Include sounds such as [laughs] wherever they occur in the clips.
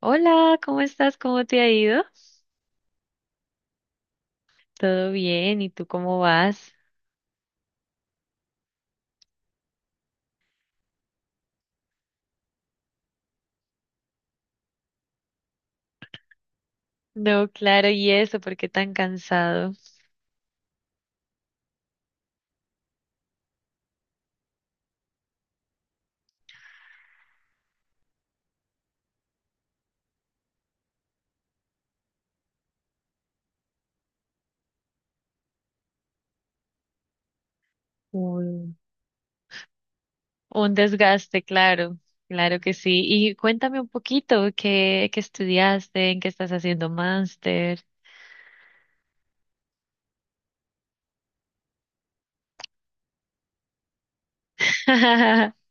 Hola, ¿cómo estás? ¿Cómo te ha ido? ¿Todo bien? ¿Y tú cómo vas? No, claro, ¿y eso? ¿Por qué tan cansado? Un, un desgaste, claro, claro que sí. Y cuéntame un poquito, ¿qué estudiaste? ¿En qué estás haciendo máster? [laughs]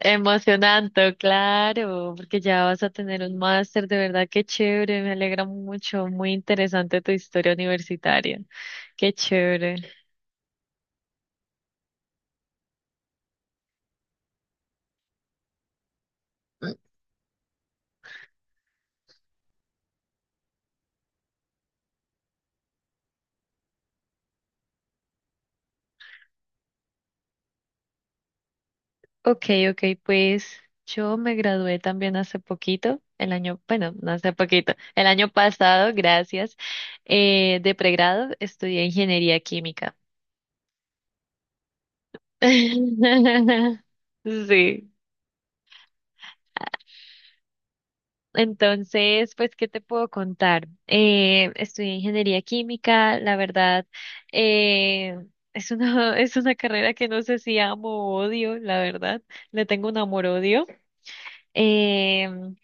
Emocionante, claro, porque ya vas a tener un máster, de verdad, qué chévere, me alegra mucho, muy interesante tu historia universitaria, qué chévere. Ok, ok, pues yo me gradué también hace poquito, el año, bueno, no hace poquito, el año pasado, gracias, de pregrado estudié ingeniería química. [laughs] Sí. Entonces, pues, ¿qué te puedo contar? Estudié ingeniería química, la verdad, eh, es una, [laughs] es una carrera que no sé si amo o odio, la verdad, le tengo un amor-odio. em,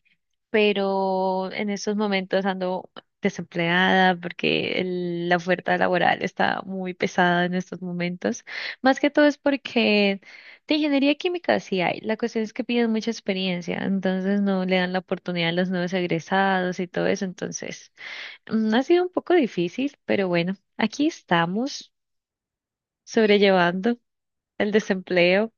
pero en estos momentos ando desempleada porque la oferta laboral está muy pesada en estos momentos. Más que todo es porque de ingeniería química sí hay, la cuestión es que piden mucha experiencia, entonces no le dan la oportunidad a los nuevos egresados y todo eso, entonces ha sido un poco difícil, pero bueno, aquí estamos sobrellevando el desempleo.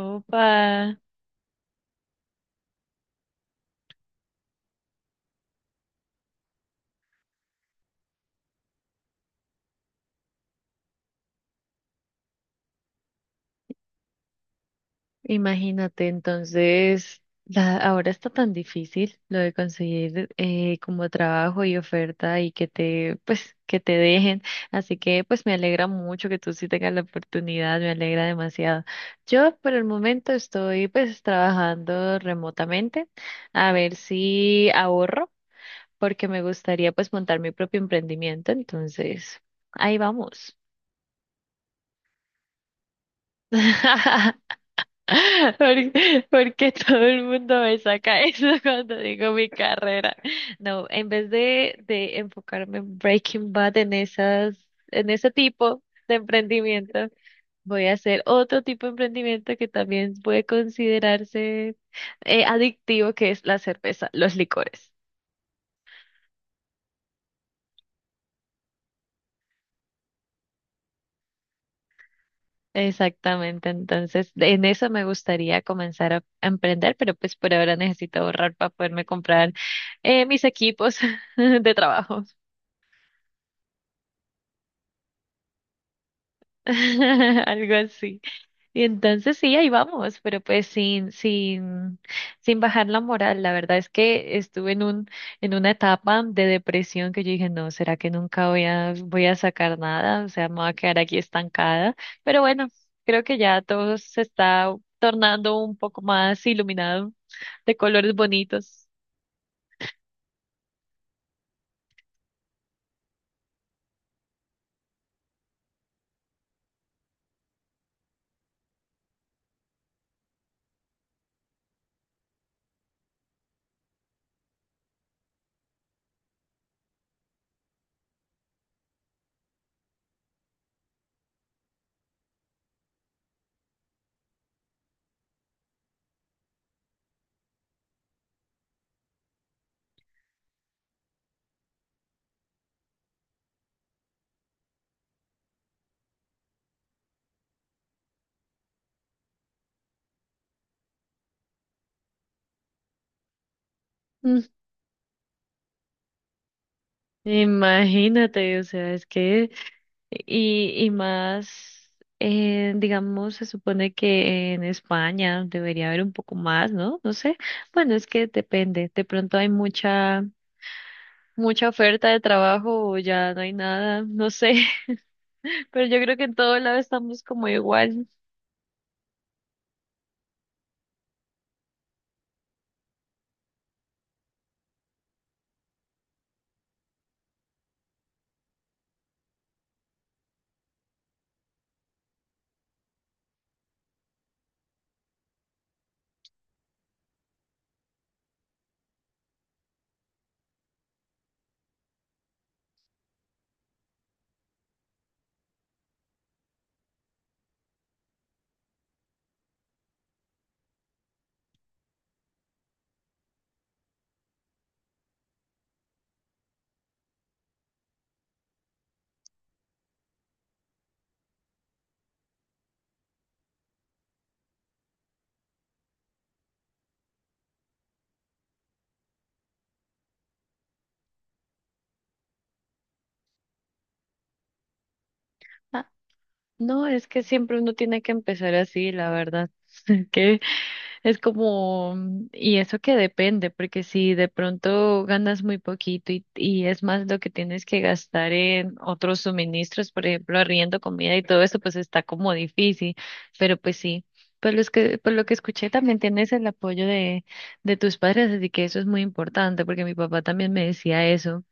Opa. Imagínate, entonces, ahora está tan difícil lo de conseguir como trabajo y oferta y que te, pues, que te dejen. Así que, pues, me alegra mucho que tú sí tengas la oportunidad, me alegra demasiado. Yo, por el momento, estoy, pues, trabajando remotamente a ver si ahorro, porque me gustaría, pues, montar mi propio emprendimiento. Entonces, ahí vamos. [laughs] [laughs] Porque todo el mundo me saca eso [laughs] cuando digo mi carrera. No, en vez de enfocarme en Breaking Bad en esas, en ese tipo de emprendimiento, voy a hacer otro tipo de emprendimiento que también puede considerarse adictivo, que es la cerveza, los licores. Exactamente, entonces en eso me gustaría comenzar a emprender, pero pues por ahora necesito ahorrar para poderme comprar mis equipos [laughs] de trabajo. [laughs] Algo así. Y entonces sí, ahí vamos, pero pues sin bajar la moral. La verdad es que estuve en un, en una etapa de depresión que yo dije, no, ¿será que nunca voy a, voy a sacar nada? O sea, me voy a quedar aquí estancada. Pero bueno, creo que ya todo se está tornando un poco más iluminado, de colores bonitos. Mm. Imagínate, o sea, es que y más, digamos, se supone que en España debería haber un poco más, ¿no? No sé. Bueno, es que depende. De pronto hay mucha, mucha oferta de trabajo o ya no hay nada, no sé. [laughs] Pero yo creo que en todo lado estamos como igual. No, es que siempre uno tiene que empezar así, la verdad. [laughs] Que es como, y eso que depende, porque si de pronto ganas muy poquito y es más lo que tienes que gastar en otros suministros, por ejemplo, arriendo, comida y todo eso, pues está como difícil. Pero pues sí, por los que, por lo que escuché también tienes el apoyo de tus padres, así que eso es muy importante, porque mi papá también me decía eso.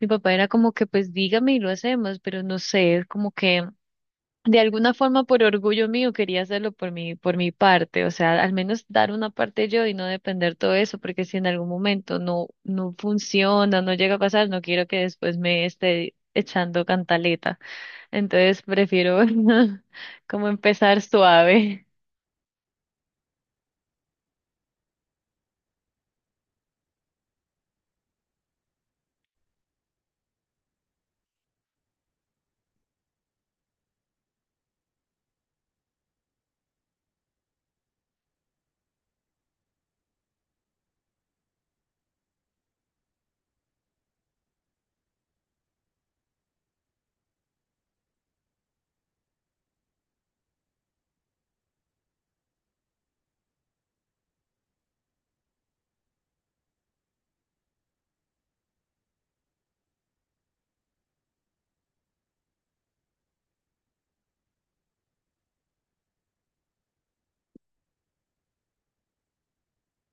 Mi papá era como que, pues dígame y lo hacemos, pero no sé, es como que de alguna forma, por orgullo mío, quería hacerlo por mi parte, o sea, al menos dar una parte yo y no depender todo eso, porque si en algún momento no, no funciona, no llega a pasar, no quiero que después me esté echando cantaleta. Entonces prefiero [laughs] como empezar suave.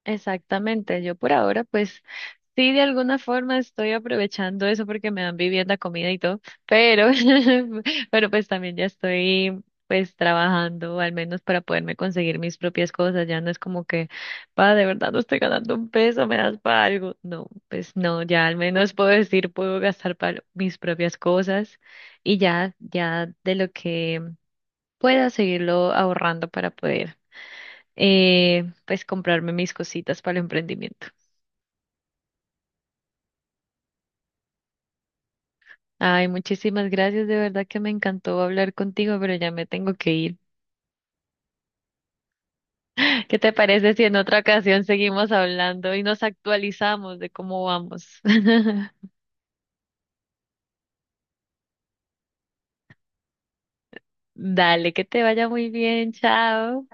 Exactamente, yo por ahora pues sí de alguna forma estoy aprovechando eso porque me dan vivienda, comida y todo, pero, [laughs] pero pues también ya estoy pues trabajando al menos para poderme conseguir mis propias cosas, ya no es como que, pa, de verdad no estoy ganando un peso, me das para algo, no, pues no, ya al menos puedo decir, puedo gastar para mis propias cosas y ya, ya de lo que pueda seguirlo ahorrando para poder pues comprarme mis cositas para el emprendimiento. Ay, muchísimas gracias, de verdad que me encantó hablar contigo, pero ya me tengo que ir. ¿Qué te parece si en otra ocasión seguimos hablando y nos actualizamos de cómo vamos? [laughs] Dale, que te vaya muy bien, chao.